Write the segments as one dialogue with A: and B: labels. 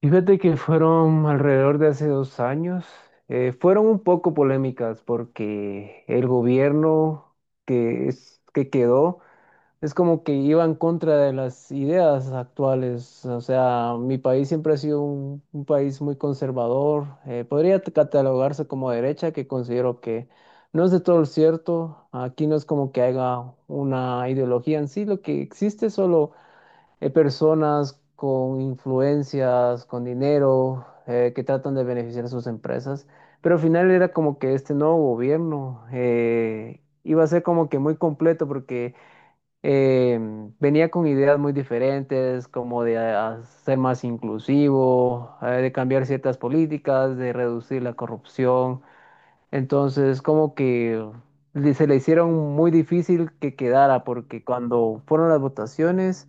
A: Fíjate que fueron alrededor de hace 2 años. Fueron un poco polémicas porque el gobierno que quedó es como que iba en contra de las ideas actuales. O sea, mi país siempre ha sido un país muy conservador. Podría catalogarse como derecha, que considero que no es de todo cierto. Aquí no es como que haya una ideología en sí. Lo que existe, solo hay personas con influencias, con dinero, que tratan de beneficiar a sus empresas, pero al final era como que este nuevo gobierno iba a ser como que muy completo, porque eh, venía con ideas muy diferentes, como de ah, ser más inclusivo, de cambiar ciertas políticas, de reducir la corrupción. Entonces, como que se le hicieron muy difícil que quedara, porque cuando fueron las votaciones,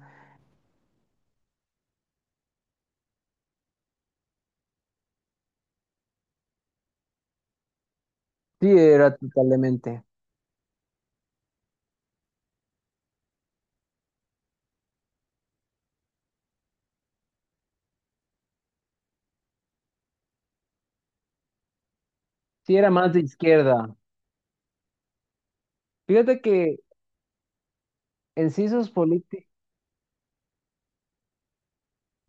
A: sí, era totalmente. Sí, era más de izquierda. Fíjate que en sí sus políti-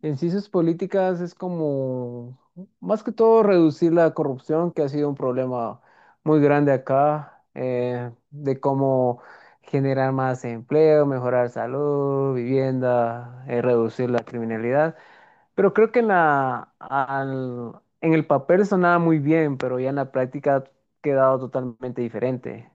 A: en sí sus políticas es como, más que todo, reducir la corrupción, que ha sido un problema muy grande acá, de cómo generar más empleo, mejorar salud, vivienda, reducir la criminalidad. Pero creo que en el papel sonaba muy bien, pero ya en la práctica ha quedado totalmente diferente.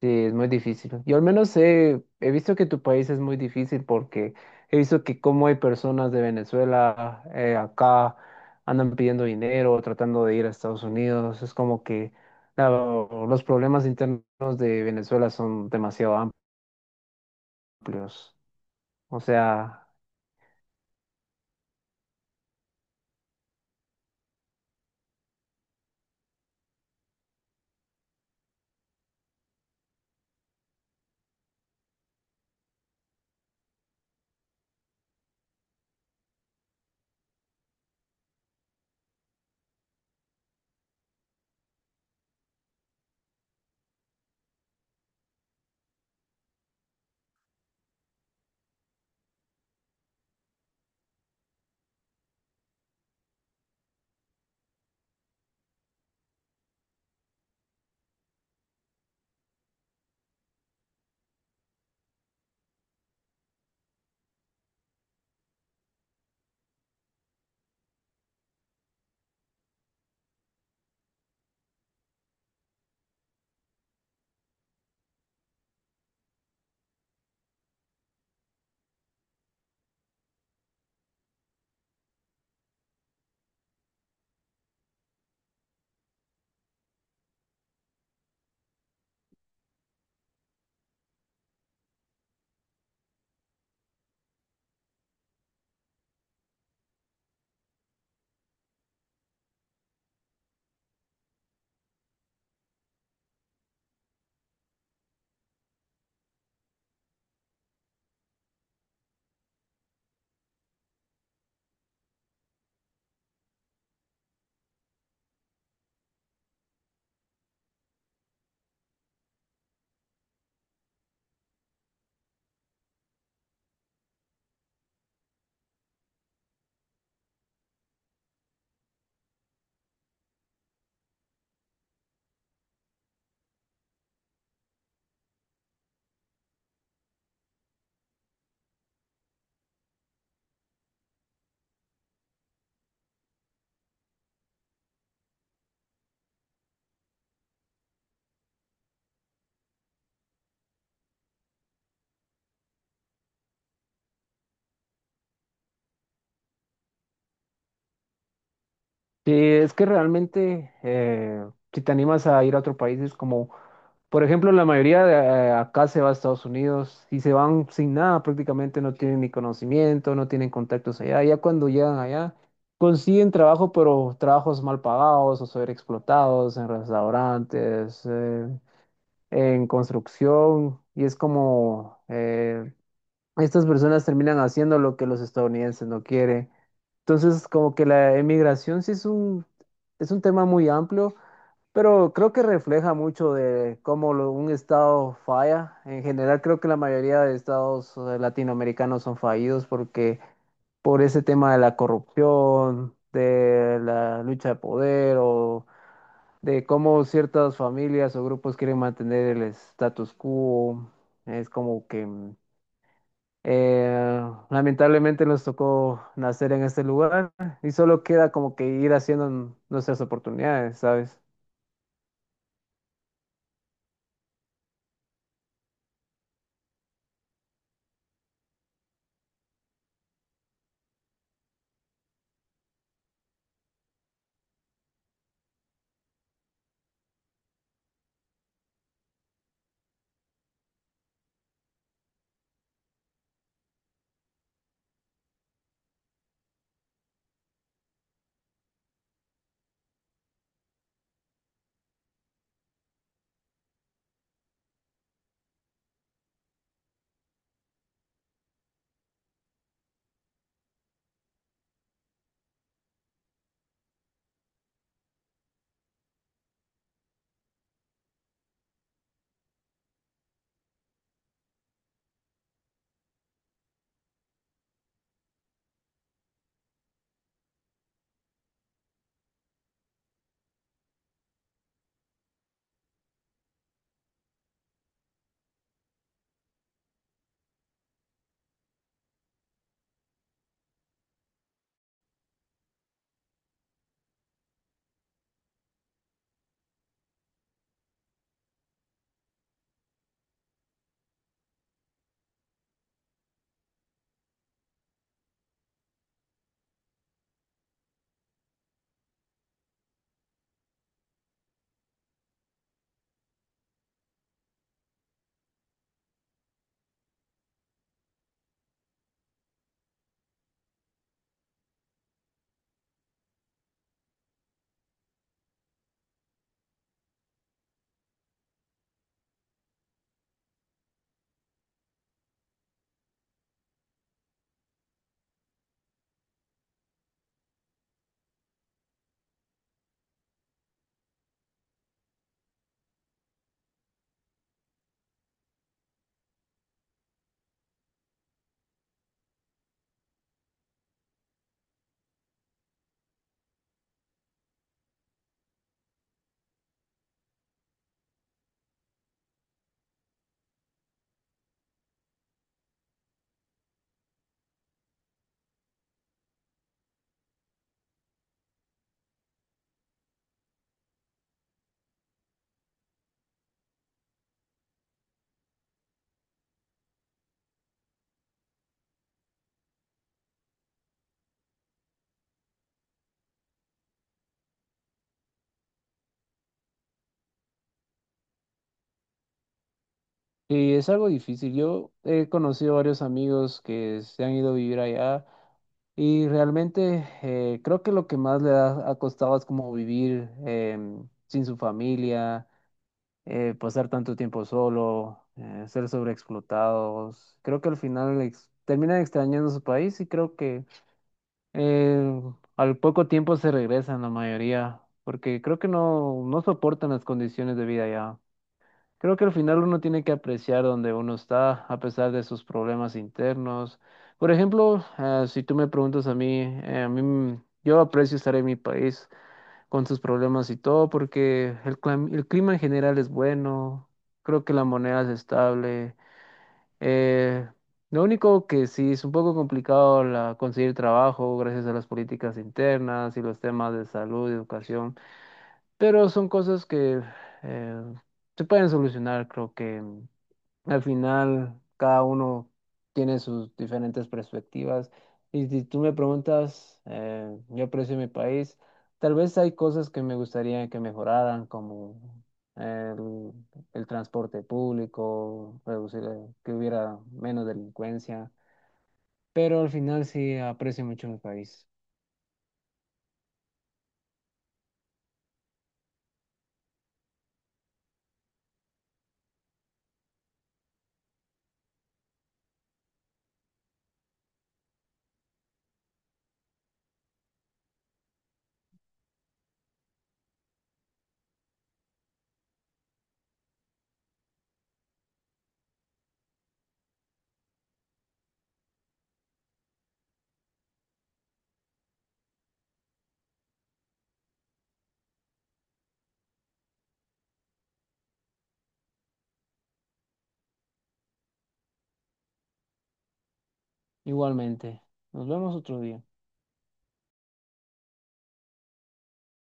A: Sí, es muy difícil. Yo al menos he visto que tu país es muy difícil, porque he visto que como hay personas de Venezuela acá andan pidiendo dinero, tratando de ir a Estados Unidos. Es como que los problemas internos de Venezuela son demasiado amplios. O sea, sí, es que realmente si te animas a ir a otro país es como, por ejemplo, la mayoría de acá se va a Estados Unidos y se van sin nada, prácticamente no tienen ni conocimiento, no tienen contactos allá. Ya cuando llegan allá consiguen trabajo, pero trabajos mal pagados o sobreexplotados en restaurantes, en construcción, y es como estas personas terminan haciendo lo que los estadounidenses no quieren. Entonces, como que la emigración sí es un tema muy amplio, pero creo que refleja mucho de cómo un estado falla. En general, creo que la mayoría de estados latinoamericanos son fallidos porque, por ese tema de la corrupción, de la lucha de poder, o de cómo ciertas familias o grupos quieren mantener el status quo. Es como que eh, lamentablemente nos tocó nacer en este lugar y solo queda como que ir haciendo nuestras oportunidades, ¿sabes? Y es algo difícil. Yo he conocido varios amigos que se han ido a vivir allá, y realmente creo que lo que más ha costado es como vivir sin su familia, pasar tanto tiempo solo, ser sobreexplotados. Creo que al final terminan extrañando su país, y creo que Eh, al poco tiempo se regresan la mayoría, porque creo que no, no soportan las condiciones de vida ya. Creo que al final uno tiene que apreciar donde uno está, a pesar de sus problemas internos. Por ejemplo, si tú me preguntas a mí, yo aprecio estar en mi país con sus problemas y todo, porque el clima en general es bueno, creo que la moneda es estable. Eh, lo único que sí es un poco complicado, conseguir trabajo, gracias a las políticas internas y los temas de salud, educación, pero son cosas que eh, se pueden solucionar, creo que. Al final, cada uno tiene sus diferentes perspectivas. Y si tú me preguntas, yo aprecio mi país. Tal vez hay cosas que me gustaría que mejoraran, como el, el transporte público, reducir, que hubiera menos delincuencia. Pero al final sí aprecio mucho mi país. Igualmente. Nos vemos otro día.